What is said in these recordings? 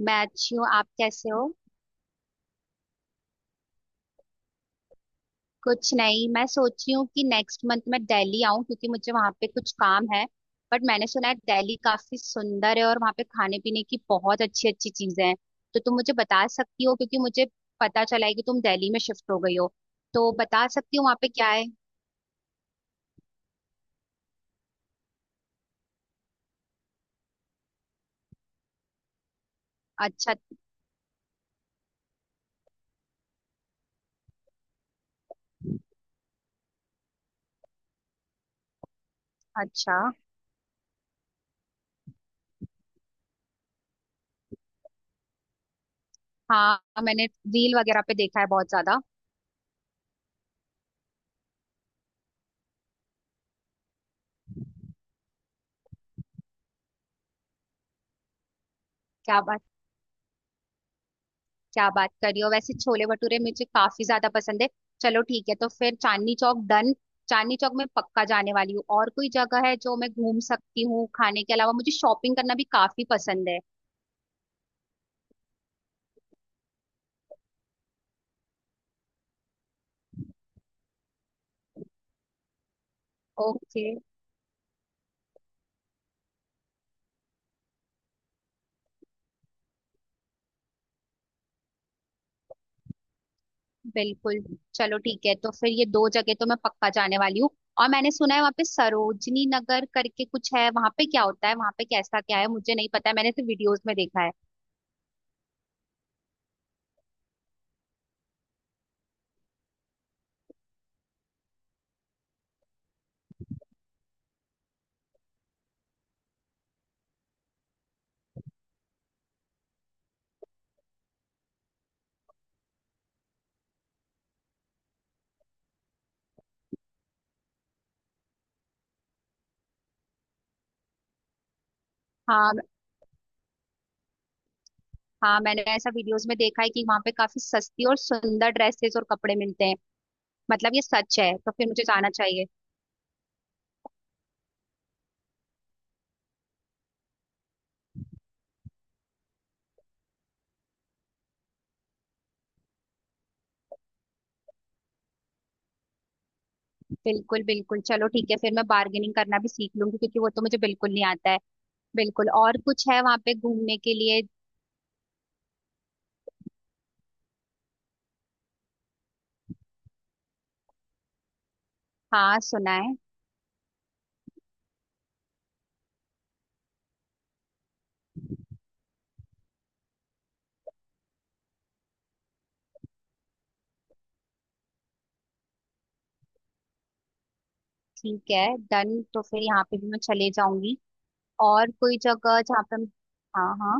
मैं अच्छी हूँ। आप कैसे हो। कुछ नहीं। मैं सोच रही हूँ कि नेक्स्ट मंथ मैं दिल्ली आऊँ क्योंकि मुझे वहाँ पे कुछ काम है। बट मैंने सुना है दिल्ली काफी सुंदर है और वहाँ पे खाने पीने की बहुत अच्छी अच्छी चीजें हैं। तो तुम मुझे बता सकती हो क्योंकि मुझे पता चला है कि तुम दिल्ली में शिफ्ट हो गई हो। तो बता सकती हो वहाँ पे क्या है। अच्छा। अच्छा। हाँ, मैंने रील वगैरह पे देखा है बहुत ज्यादा। क्या? क्या बात कर रही हो! वैसे छोले भटूरे मुझे काफी ज्यादा पसंद है। चलो ठीक है। तो फिर चांदनी चौक डन। चांदनी चौक में पक्का जाने वाली हूँ। और कोई जगह है जो मैं घूम सकती हूँ? खाने के अलावा मुझे शॉपिंग करना भी काफी पसंद है। ओके। बिल्कुल। चलो ठीक है। तो फिर ये दो जगह तो मैं पक्का जाने वाली हूँ। और मैंने सुना है वहाँ पे सरोजनी नगर करके कुछ है। वहाँ पे क्या होता है, वहाँ पे कैसा क्या है मुझे नहीं पता है। मैंने तो वीडियोस में देखा है। हाँ, हाँ, मैंने ऐसा वीडियोस में देखा है कि वहाँ पे काफी सस्ती और सुंदर ड्रेसेस और कपड़े मिलते हैं। मतलब ये सच है? तो फिर मुझे जाना चाहिए। बिल्कुल। बिल्कुल। चलो ठीक है। फिर मैं बार्गेनिंग करना भी सीख लूंगी क्योंकि वो तो मुझे बिल्कुल नहीं आता है। बिल्कुल। और कुछ है वहाँ पे घूमने के लिए? हाँ, सुना है। ठीक है डन। तो फिर यहाँ पे भी मैं चले जाऊंगी। और कोई जगह जहाँ पे हाँ, हाँ।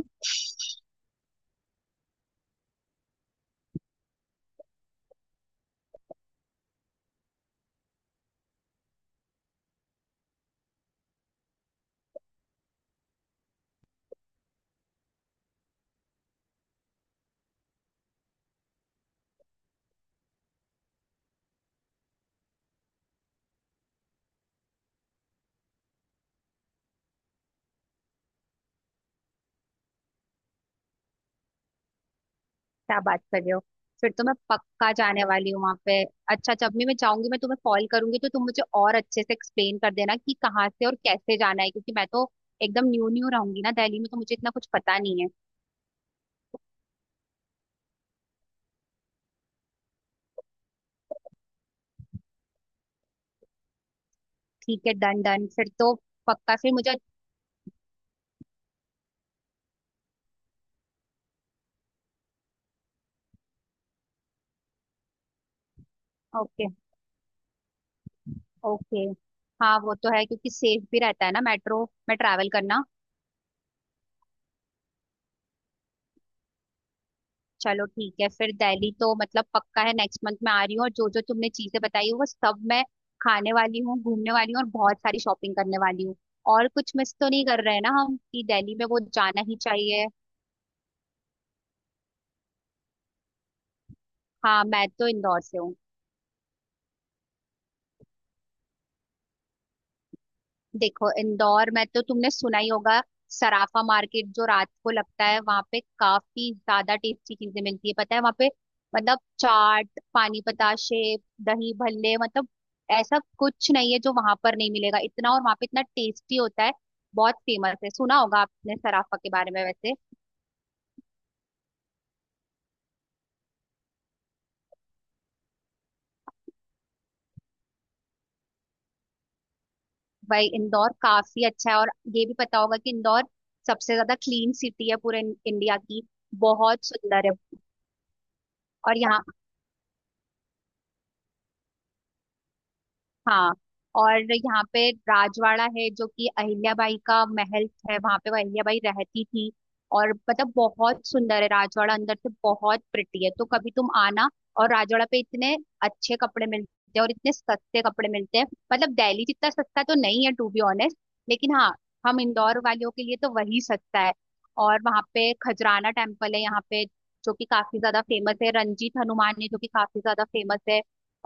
क्या बात कर रहे हो! फिर तो मैं पक्का जाने वाली हूँ वहाँ पे। अच्छा, जब भी मैं जाऊंगी मैं तुम्हें कॉल करूंगी तो तुम मुझे और अच्छे से एक्सप्लेन कर देना कि कहाँ से और कैसे जाना है क्योंकि मैं तो एकदम न्यू न्यू रहूंगी ना दिल्ली में। तो मुझे इतना कुछ पता नहीं है। ठीक है। Done done. फिर तो पक्का फिर मुझे। ओके। ओके। हाँ, वो तो है क्योंकि सेफ भी रहता है ना मेट्रो में ट्रैवल करना। चलो ठीक है। फिर दिल्ली तो मतलब पक्का है, नेक्स्ट मंथ में आ रही हूँ। और जो जो तुमने चीजें बताई है वो सब मैं खाने वाली हूँ, घूमने वाली हूँ और बहुत सारी शॉपिंग करने वाली हूँ। और कुछ मिस तो नहीं कर रहे हैं ना हम कि दिल्ली में वो जाना ही चाहिए? हाँ, मैं तो इंदौर से हूँ। देखो इंदौर में तो तुमने सुना ही होगा। सराफा मार्केट जो रात को लगता है वहां पे काफी ज्यादा टेस्टी चीजें मिलती है, पता है वहां पे। मतलब चाट, पानी बताशे, दही भल्ले, मतलब ऐसा कुछ नहीं है जो वहां पर नहीं मिलेगा इतना। और वहां पे इतना टेस्टी होता है। बहुत फेमस है। सुना होगा आपने सराफा के बारे में वैसे। भाई इंदौर काफी अच्छा है। और ये भी पता होगा कि इंदौर सबसे ज्यादा क्लीन सिटी है पूरे इंडिया की। बहुत सुंदर है। और यहाँ। हाँ। और यहाँ पे राजवाड़ा है जो कि अहिल्याबाई का महल है। वहां पे वो अहिल्याबाई रहती थी। और मतलब बहुत सुंदर है राजवाड़ा, अंदर से बहुत प्रिटी है तो कभी तुम आना। और राजवाड़ा पे इतने अच्छे कपड़े मिलते हैं और इतने सस्ते कपड़े मिलते हैं। मतलब दिल्ली जितना सस्ता तो नहीं है टू बी ऑनेस्ट। लेकिन हाँ, हम इंदौर वालों के लिए तो वही सस्ता है। और वहाँ पे खजराना टेम्पल है यहाँ पे जो कि काफी ज्यादा फेमस है। रंजीत हनुमान है जो कि काफी ज्यादा फेमस है।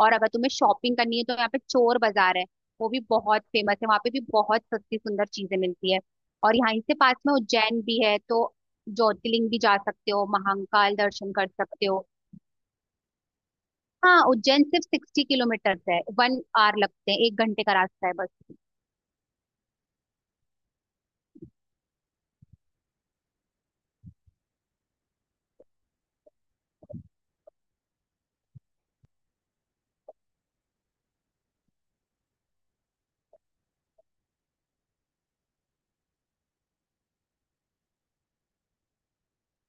और अगर तुम्हें शॉपिंग करनी है तो यहाँ पे चोर बाजार है। वो भी बहुत फेमस है। वहाँ पे भी बहुत सस्ती सुंदर चीजें मिलती है। और यहाँ इससे पास में उज्जैन भी है तो ज्योतिर्लिंग भी जा सकते हो, महाकाल दर्शन कर सकते हो। हाँ, उज्जैन सिर्फ 60 किलोमीटर है। 1 hour लगते हैं, एक घंटे का रास्ता है बस।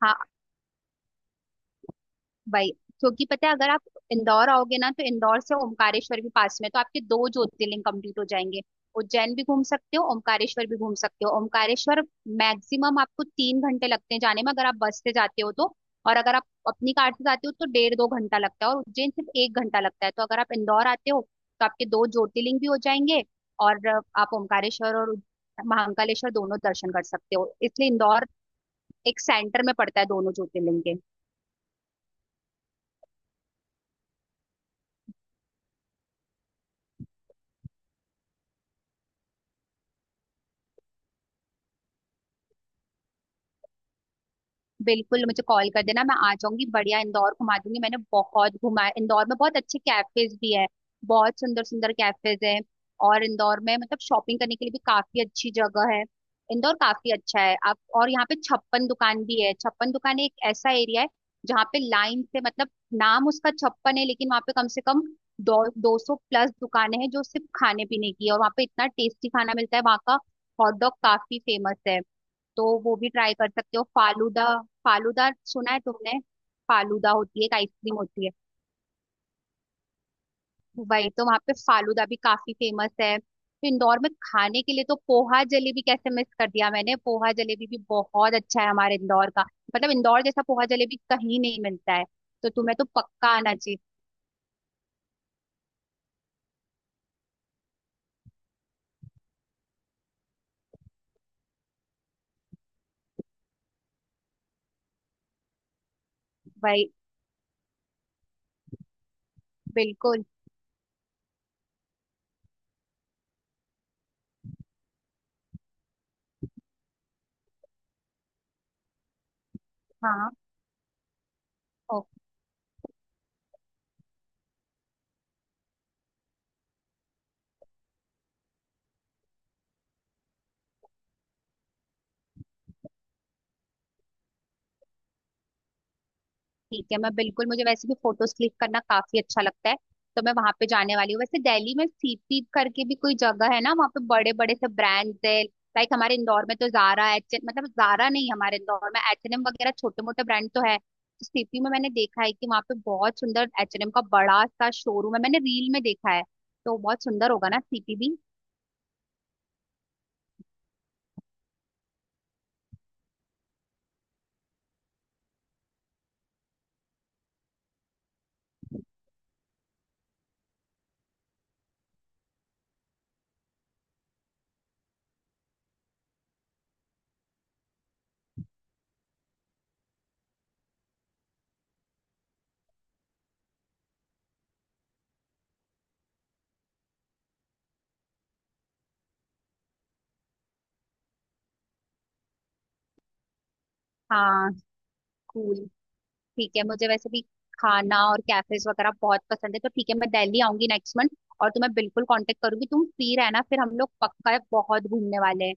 हाँ, वही। क्योंकि पता है अगर आप इंदौर आओगे ना तो इंदौर से ओमकारेश्वर भी पास में है, तो आपके दो ज्योतिर्लिंग कंप्लीट हो जाएंगे। उज्जैन भी घूम सकते हो, ओमकारेश्वर भी घूम सकते हो। ओमकारेश्वर मैक्सिमम आपको 3 घंटे लगते हैं जाने में अगर आप बस से जाते हो तो। और अगर आप अपनी कार से जाते हो तो डेढ़ दो घंटा लगता है। और उज्जैन सिर्फ एक घंटा लगता है। तो अगर आप इंदौर आते हो तो आपके दो ज्योतिर्लिंग भी हो जाएंगे। और आप ओमकारेश्वर और महाकालेश्वर दोनों दर्शन कर सकते हो। इसलिए इंदौर एक सेंटर में पड़ता है दोनों ज्योतिर्लिंग के। बिल्कुल, मुझे कॉल कर देना। मैं आ जाऊंगी, बढ़िया इंदौर घुमा दूंगी। मैंने बहुत घुमा इंदौर में। बहुत अच्छे कैफेज भी है। बहुत सुंदर सुंदर कैफेज हैं। और इंदौर में मतलब शॉपिंग करने के लिए भी काफी अच्छी जगह है। इंदौर काफी अच्छा है आप। और यहाँ पे छप्पन दुकान भी है। छप्पन दुकान एक ऐसा एरिया है जहाँ पे लाइन से, मतलब नाम उसका छप्पन है लेकिन वहाँ पे कम से कम दो दो सौ प्लस दुकानें हैं जो सिर्फ खाने पीने की है। और वहाँ पे इतना टेस्टी खाना मिलता है। वहाँ का हॉट डॉग काफी फेमस है। तो वो भी ट्राई कर सकते हो, फालूदा। फालूदा सुना है तुमने? फालूदा होती है, एक आइसक्रीम होती है। वही तो, वहाँ पे फालूदा भी काफी फेमस है। तो इंदौर में खाने के लिए तो पोहा जलेबी कैसे मिस कर दिया मैंने? पोहा जलेबी भी बहुत अच्छा है हमारे इंदौर का। मतलब इंदौर जैसा पोहा जलेबी कहीं नहीं मिलता है। तो तुम्हें तो पक्का आना चाहिए। भाई। बिल्कुल। हाँ। ठीक है। मैं बिल्कुल, मुझे वैसे भी फोटोज क्लिक करना काफी अच्छा लगता है। तो मैं वहां पे जाने वाली हूँ। वैसे दिल्ली में CP करके भी कोई जगह है ना, वहाँ पे बड़े बड़े से ब्रांड्स है लाइक हमारे इंदौर में तो जारा HN, मतलब जारा नहीं, हमारे इंदौर में HNM वगैरह छोटे मोटे ब्रांड तो है। तो CP में मैंने देखा है कि वहाँ पे बहुत सुंदर HNM का बड़ा सा शोरूम है। मैंने रील में देखा है। तो बहुत सुंदर होगा ना CP भी। हाँ। स्कूल। ठीक है। मुझे वैसे भी खाना और कैफेज वगैरह बहुत पसंद है। तो ठीक है, मैं दिल्ली आऊंगी नेक्स्ट मंथ। और तुम्हें बिल्कुल कांटेक्ट करूंगी। तुम फ्री रहना, फिर हम लोग पक्का बहुत घूमने वाले हैं।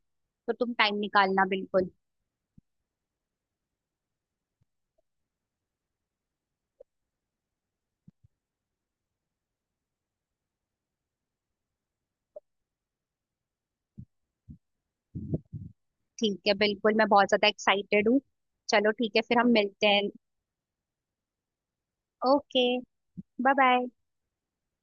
तो तुम टाइम निकालना बिल्कुल। ठीक है, बिल्कुल। मैं बहुत ज्यादा एक्साइटेड हूँ। चलो ठीक है, फिर हम मिलते हैं। ओके। Bye bye.